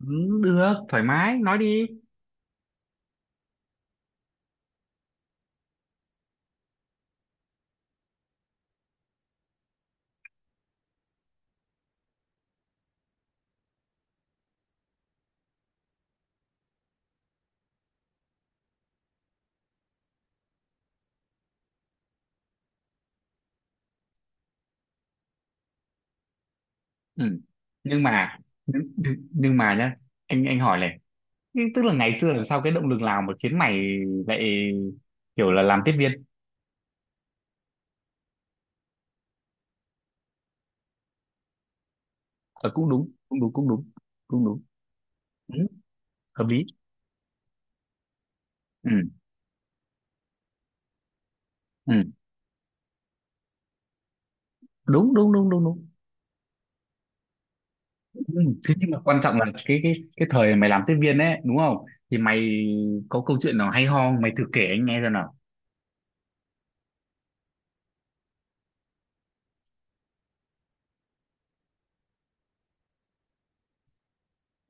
Ừ, được thoải mái nói đi ừ. nhưng mà nhưng, nhưng mà nhá, anh hỏi này. Nhưng tức là ngày xưa làm sao, cái động lực nào mà khiến mày lại kiểu là làm tiếp viên? Ờ, Cũng đúng, cũng đúng, cũng đúng, cũng đúng. ừ, Hợp lý. ừ, ừ. Đúng, đúng, đúng, đúng, đúng. Ừ, thế nhưng mà quan trọng là cái thời mày làm tiếp viên ấy, đúng không? Thì mày có câu chuyện nào hay ho không? Mày thử kể anh nghe xem nào.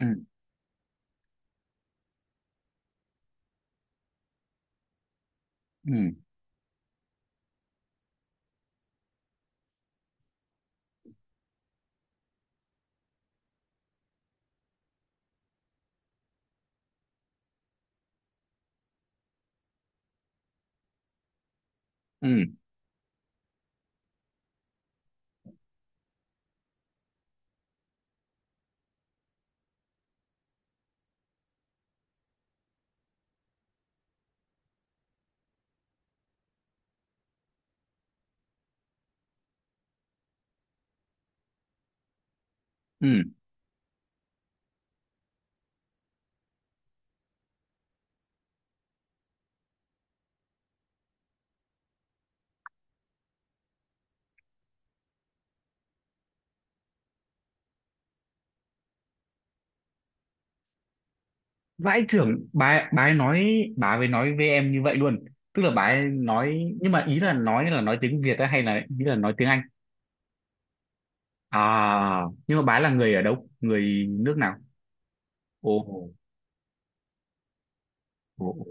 Ừ, ừ, ừ, ừ. Vãi chưởng, bà ấy nói, bà ấy nói với em như vậy luôn? Tức là bà ấy nói, nhưng mà ý là nói, là nói tiếng Việt á hay là ý là nói tiếng Anh? À, nhưng mà bà ấy là người ở đâu, người nước nào? Ồ, ồ, ồ.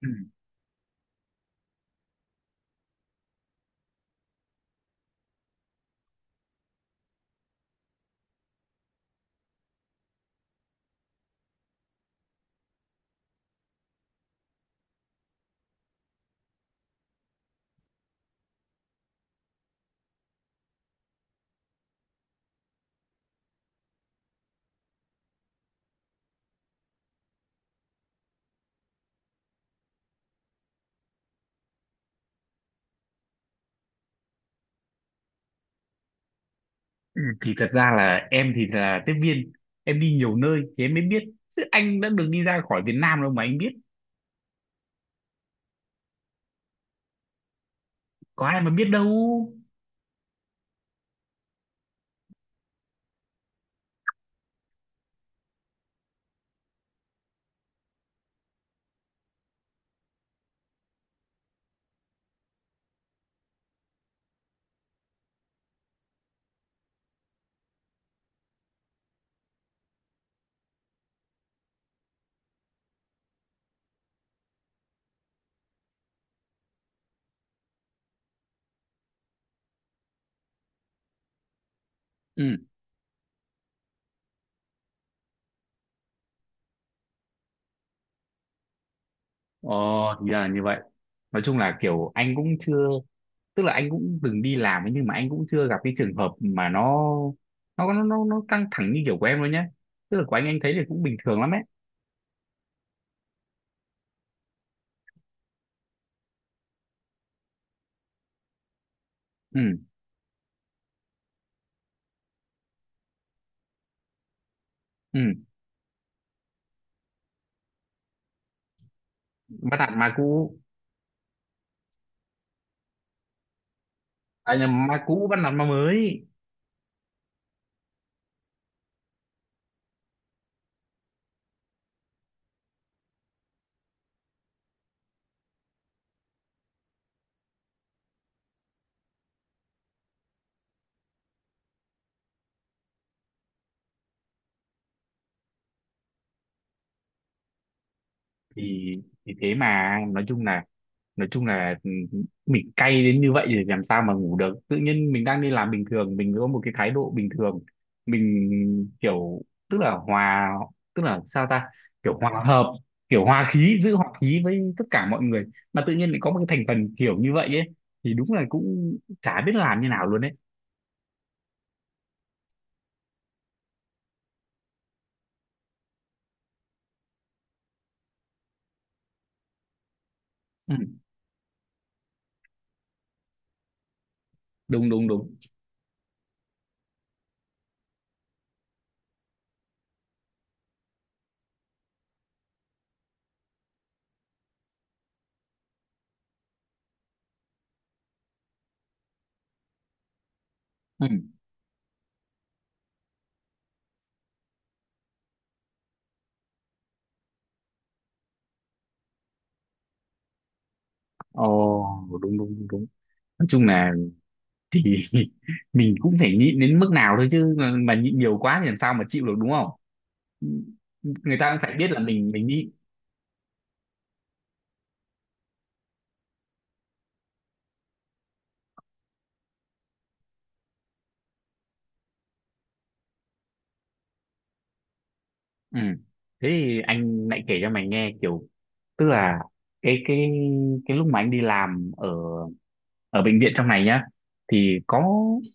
Ừ. Ừ, thì thật ra là em thì là tiếp viên, em đi nhiều nơi thì em mới biết, chứ anh đã được đi ra khỏi Việt Nam đâu mà anh biết. Có ai mà biết đâu. ừ ờ, thì ra là như vậy. Nói chung là kiểu anh cũng chưa, tức là anh cũng từng đi làm ấy, nhưng mà anh cũng chưa gặp cái trường hợp mà nó căng thẳng như kiểu của em đâu nhé. Tức là của anh thấy thì cũng bình thường lắm ấy. Ừ, ừ. Bắt nạt ma cũ, à nhầm, ma cũ bắt nạt ma mới. Thì thì thế mà, nói chung là, nói chung là, ừ, mình cay đến như vậy thì làm sao mà ngủ được. Tự nhiên mình đang đi làm bình thường, mình có một cái thái độ bình thường, mình kiểu, tức là hòa, tức là sao ta, kiểu hòa hợp, kiểu hòa khí, giữ hòa khí với tất cả mọi người, mà tự nhiên lại có một cái thành phần kiểu như vậy ấy, thì đúng là cũng chả biết làm như nào luôn đấy. Ừ, đúng, đúng, đúng. Ừ. Ồ, đúng, đúng, đúng, đúng. Nói chung là, thì mình cũng phải nhịn đến mức nào thôi chứ, mà nhịn nhiều quá thì làm sao mà chịu được, đúng không? Ừ. Người ta cũng phải biết là mình đi. Ừ. Thế thì anh lại kể cho mày nghe kiểu, tức là cái cái cái lúc mà anh đi làm ở, ở bệnh viện trong này nhá, thì có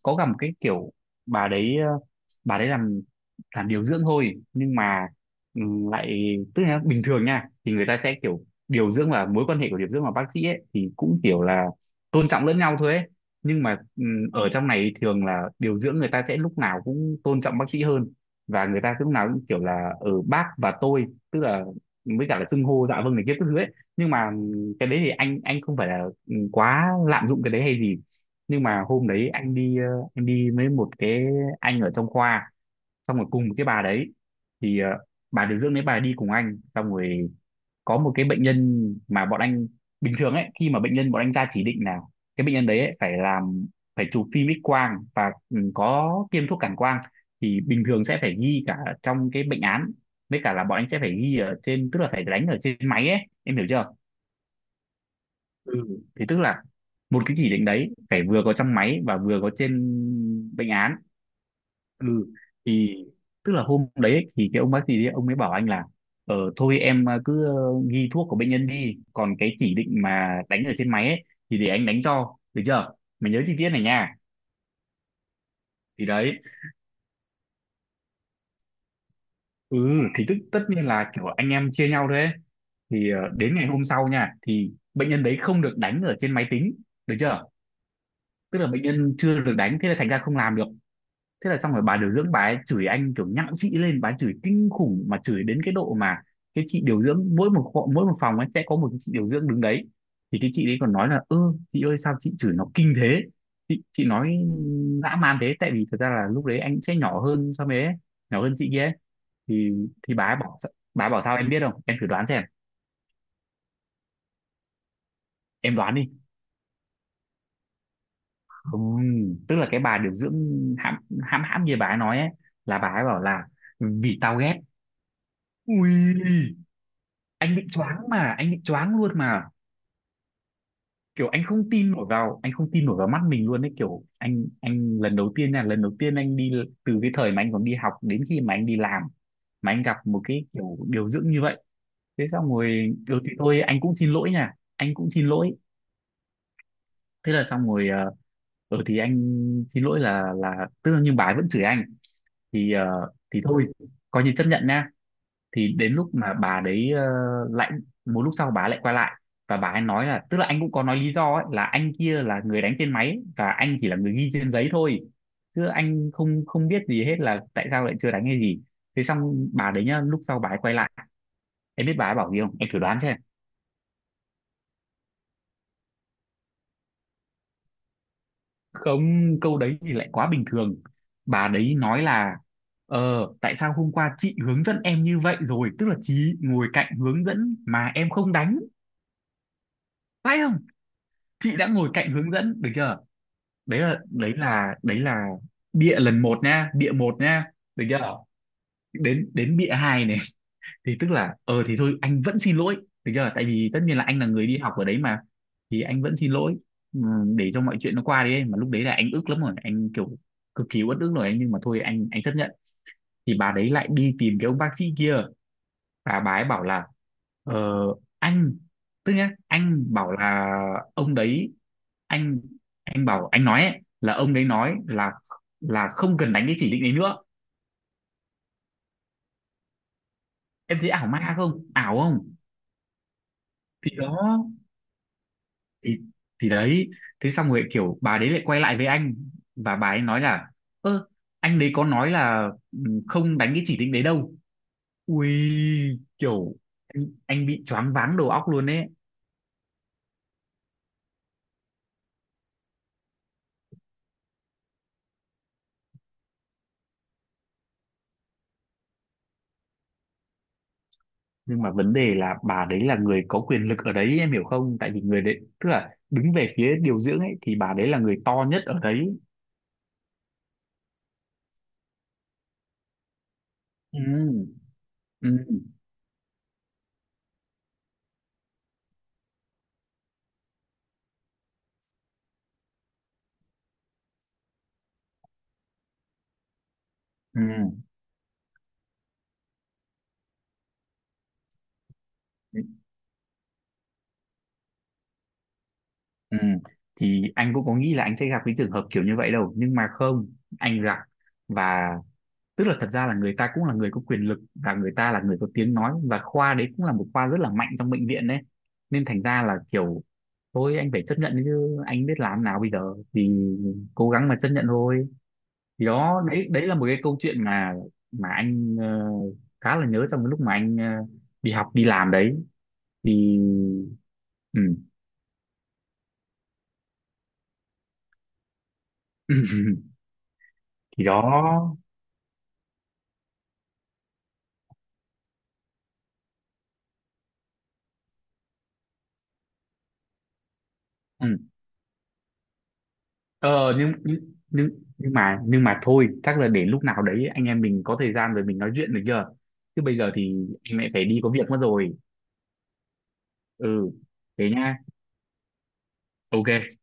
có gặp một cái kiểu bà đấy, bà đấy làm điều dưỡng thôi, nhưng mà ừ, lại tức là bình thường nha thì người ta sẽ kiểu, điều dưỡng và mối quan hệ của điều dưỡng và bác sĩ ấy, thì cũng kiểu là tôn trọng lẫn nhau thôi ấy. Nhưng mà ừ, ở trong này thường là điều dưỡng người ta sẽ lúc nào cũng tôn trọng bác sĩ hơn, và người ta lúc nào cũng kiểu là ở bác và tôi, tức là với cả là xưng hô dạ vâng này kia các thứ ấy. Nhưng mà ừ, cái đấy thì anh không phải là quá lạm dụng cái đấy hay gì. Nhưng mà hôm đấy anh đi anh đi với một cái, anh ở trong khoa, xong rồi cùng một cái bà đấy, thì ờ, bà điều dưỡng đấy bà đi cùng anh, xong rồi có một cái bệnh nhân mà bọn anh, bình thường ấy, khi mà bệnh nhân bọn anh ra chỉ định là cái bệnh nhân đấy ấy, phải làm, phải chụp phim X quang và ừ, có tiêm thuốc cản quang, thì bình thường sẽ phải ghi cả trong cái bệnh án, với cả là bọn anh sẽ phải ghi ở trên, tức là phải đánh ở trên máy ấy, em hiểu chưa? Ừ. Thì tức là một cái chỉ định đấy phải vừa có trong máy và vừa có trên bệnh án. Ừ, thì tức là hôm đấy ấy, thì cái ông bác sĩ đấy, ông ấy bảo anh là, ờ thôi em cứ ghi thuốc của bệnh nhân đi, còn cái chỉ định mà đánh ở trên máy ấy, thì để anh đánh cho, được chưa? Mày nhớ chi tiết này nha. Thì đấy, ừ, thì tức tất nhiên là kiểu anh em chia nhau đấy. Thì ờ, đến ngày hôm sau nha, thì bệnh nhân đấy không được đánh ở trên máy tính, được chưa? Tức là bệnh nhân chưa được đánh, thế là thành ra không làm được. Thế là xong rồi bà điều dưỡng bà ấy chửi anh kiểu nhặng xị lên, bà ấy chửi kinh khủng, mà chửi đến cái độ mà, cái chị điều dưỡng mỗi một phòng ấy sẽ có một cái chị điều dưỡng đứng đấy, thì cái chị đấy còn nói là, ơ chị ơi sao chị chửi nó kinh thế, chị nói dã man thế. Tại vì thật ra là lúc đấy anh sẽ nhỏ hơn so với ấy, nhỏ hơn chị kia ấy. thì thì bà ấy bảo, bà ấy bảo sao em biết không, em thử đoán xem. Em đoán đi. Không, tức là cái bà điều dưỡng hãm, hãm như bà ấy nói ấy, là bà ấy bảo là, vì tao ghét. Ui, anh bị choáng, mà anh bị choáng luôn mà. Kiểu anh không tin nổi vào, anh không tin nổi vào mắt mình luôn đấy. Kiểu anh lần đầu tiên nha, lần đầu tiên anh đi, từ cái thời mà anh còn đi học đến khi mà anh đi làm, mà anh gặp một cái kiểu điều dưỡng như vậy. Thế xong rồi ừ thì thôi anh cũng xin lỗi nha, anh cũng xin lỗi. Thế là xong rồi ờ, ừ thì anh xin lỗi, là tức là, nhưng bà ấy vẫn chửi anh, thì ờ, thì thôi coi như chấp nhận nha. Thì đến lúc mà bà đấy ờ, lại một lúc sau bà lại quay lại, và bà ấy nói là, tức là anh cũng có nói lý do ấy, là anh kia là người đánh trên máy và anh chỉ là người ghi trên giấy thôi, chứ anh không, không biết gì hết là tại sao lại chưa đánh hay gì. Thế xong bà đấy nhá, lúc sau bà ấy quay lại, em biết bà ấy bảo gì không, em thử đoán xem. Không, câu đấy thì lại quá bình thường. Bà đấy nói là, ờ tại sao hôm qua chị hướng dẫn em như vậy rồi, tức là chị ngồi cạnh hướng dẫn mà em không đánh, phải không? Chị đã ngồi cạnh hướng dẫn, được chưa? Đấy là bịa lần một nha, bịa một nha, được chưa? Ờ, đến đến bịa hai này. Thì tức là ờ thì thôi anh vẫn xin lỗi, được chưa? Tại vì tất nhiên là anh là người đi học ở đấy mà, thì anh vẫn xin lỗi. Ừ, để cho mọi chuyện nó qua đi ấy. Mà lúc đấy là anh ức lắm rồi, anh kiểu cực kỳ uất ức rồi anh, nhưng mà thôi anh chấp nhận. Thì bà đấy lại đi tìm cái ông bác sĩ kia, và bà ấy bảo là, ờ, anh, tức nhá, anh bảo là ông đấy, anh anh bảo anh nói ấy, là ông đấy nói là không cần đánh cái chỉ định đấy nữa. Em thấy ảo ma không, ảo không? Thì đó, thì thì đấy. Thế xong rồi kiểu bà đấy lại quay lại với anh, và bà ấy nói là, ơ anh đấy có nói là ừ, không đánh cái chỉ định đấy đâu. Ui, kiểu anh bị choáng váng đầu óc luôn ấy. Nhưng mà vấn đề là bà đấy là người có quyền lực ở đấy, em hiểu không, tại vì người đấy tức là đứng về phía điều dưỡng ấy, thì bà đấy là người to nhất ở đấy. Ừ, ừ. Ừ ừ Thì anh cũng có nghĩ là anh sẽ gặp cái trường hợp kiểu như vậy đâu, nhưng mà không, anh gặp, và tức là thật ra là người ta cũng là người có quyền lực, và người ta là người có tiếng nói, và khoa đấy cũng là một khoa rất là mạnh trong bệnh viện đấy, nên thành ra là kiểu, thôi anh phải chấp nhận chứ anh biết làm nào bây giờ, thì cố gắng mà chấp nhận thôi. Thì đó, đấy đấy là một cái câu chuyện mà anh ờ, khá là nhớ trong cái lúc mà anh ờ, đi học đi làm đấy. Thì ừ. Thì đó. Ừ. Ờ nhưng nhưng mà thôi, chắc là để lúc nào đấy anh em mình có thời gian rồi mình nói chuyện, được chưa? Chứ bây giờ thì anh lại phải đi có việc mất rồi. Ừ, thế nha. OK.